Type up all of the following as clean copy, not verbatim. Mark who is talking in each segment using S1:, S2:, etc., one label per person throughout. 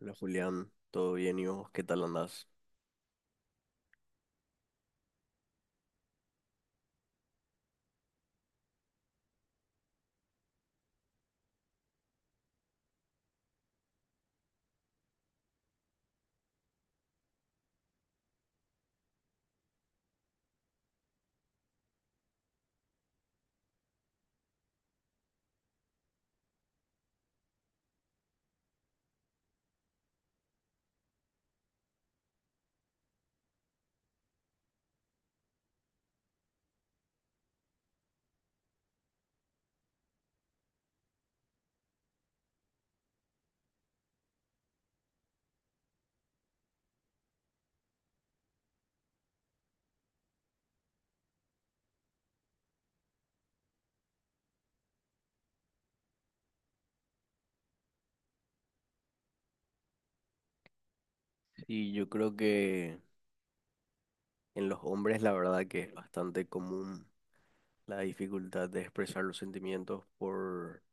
S1: Hola Julián, ¿todo bien y vos? ¿Qué tal andás? Sí, yo creo que en los hombres la verdad que es bastante común la dificultad de expresar los sentimientos por,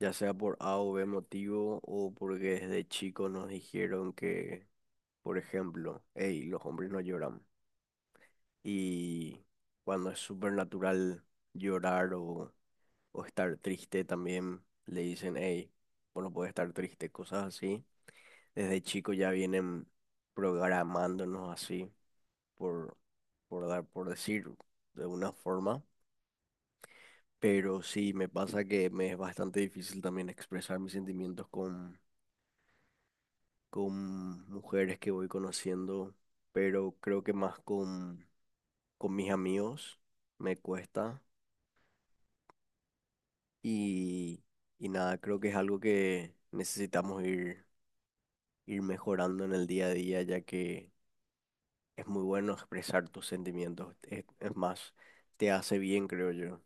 S1: ya sea por A o B motivo o porque desde chico nos dijeron que, por ejemplo, hey, los hombres no lloran. Y cuando es súper natural llorar o estar triste también le dicen, hey, vos no podés estar triste, cosas así. Desde chico ya vienen programándonos así, por, por dar, por decir de una forma. Pero sí, me pasa que me es bastante difícil también expresar mis sentimientos con mujeres que voy conociendo, pero creo que más con mis amigos me cuesta. Y, y nada, creo que es algo que necesitamos ir, ir mejorando en el día a día, ya que es muy bueno expresar tus sentimientos. Es más, te hace bien, creo yo.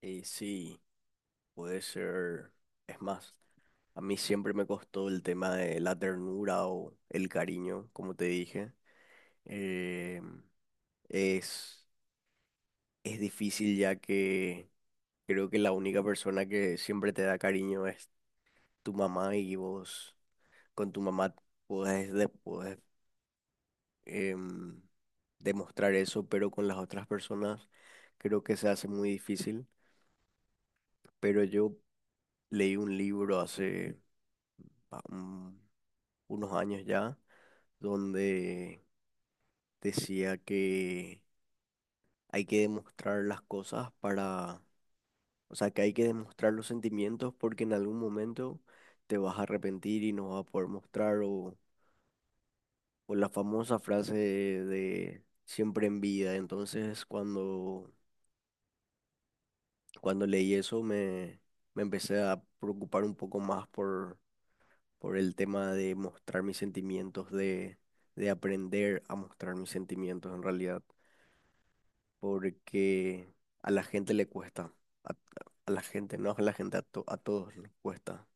S1: Y sí, puede ser. Es más, a mí siempre me costó el tema de la ternura o el cariño, como te dije. Eh, es, es difícil ya que creo que la única persona que siempre te da cariño es tu mamá y vos con tu mamá puedes, después em, demostrar eso, pero con las otras personas creo que se hace muy difícil. Pero yo leí un libro hace ah, un- unos años ya, donde decía que hay que demostrar las cosas para, o sea, que hay que demostrar los sentimientos porque en algún momento te vas a arrepentir y no vas a poder mostrar o la famosa frase de siempre en vida. Cuando leí eso me empecé a preocupar un poco más por el tema de mostrar mis sentimientos, de aprender a mostrar mis sentimientos en realidad, porque a la gente le cuesta, a, a la gente, no a la gente, a, a todos les cuesta.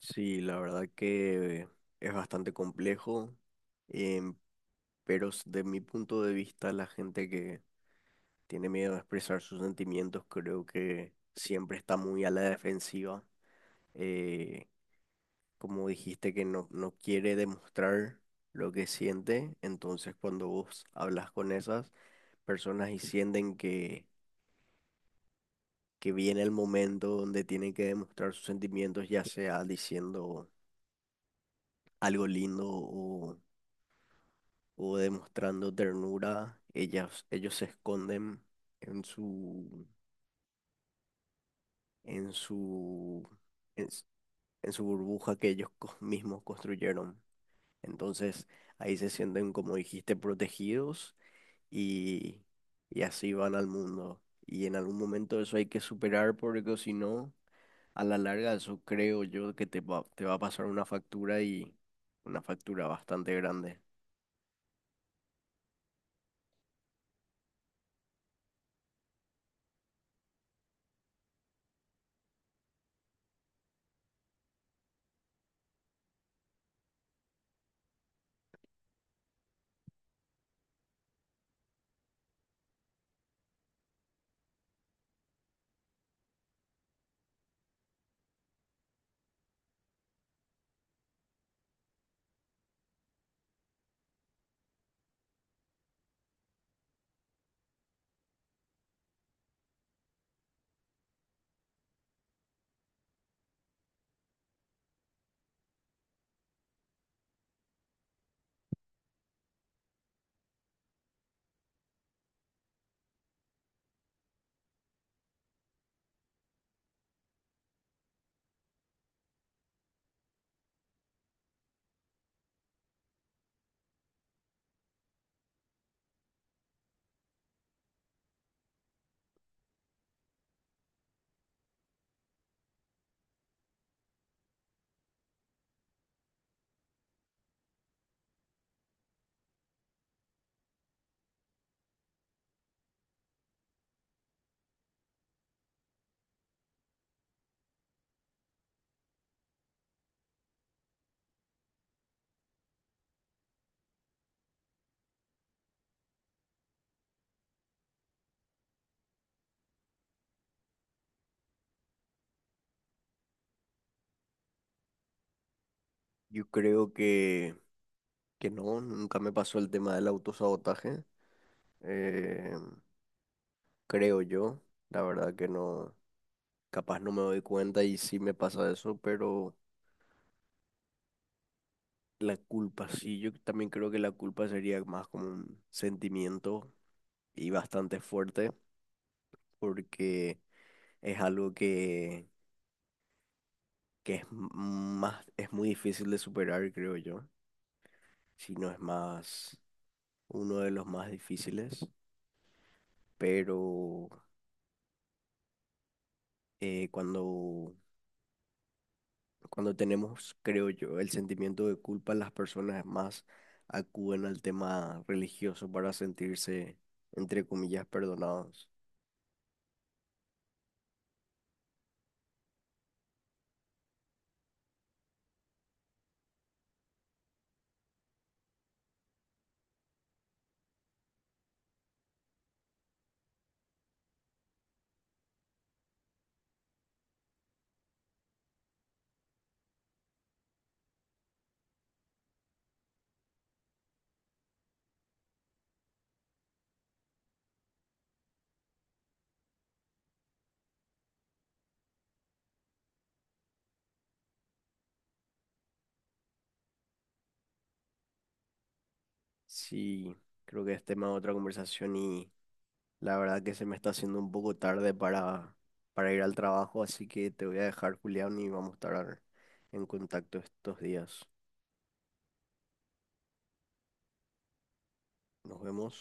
S1: Sí, la verdad que es bastante complejo, em, pero de mi punto de vista la gente que tiene miedo a expresar sus sentimientos creo que siempre está muy a la defensiva, eh, como dijiste que no, no quiere demostrar lo que siente, entonces cuando vos hablas con esas personas y sienten que viene el momento donde tienen que demostrar sus sentimientos, ya sea diciendo algo lindo o demostrando ternura, ellas, ellos se esconden en en su, en, s- en su burbuja que ellos mismos construyeron. Entonces, Ahí se sienten, como dijiste, protegidos y, y así van al mundo. Y en algún momento eso hay que superar porque si no, a la larga eso creo yo que te va a pasar una factura y una factura bastante grande. Yo creo que no, nunca me pasó el tema del autosabotaje. eh, creo yo, la verdad que no, capaz no me doy cuenta y sí me pasa eso, pero la culpa, sí, yo también creo que la culpa sería más como un sentimiento y bastante fuerte porque es algo que es más, es muy difícil de superar, creo yo, si no es más uno de los más difíciles, pero eh, cuando, cuando tenemos, creo yo, el sentimiento de culpa, las personas más acuden al tema religioso para sentirse, entre comillas, perdonados. Sí, creo que es tema de otra conversación y la verdad que se me está haciendo un poco tarde para ir al trabajo, así que te voy a dejar, Julián, y vamos a estar en contacto estos días. Nos vemos.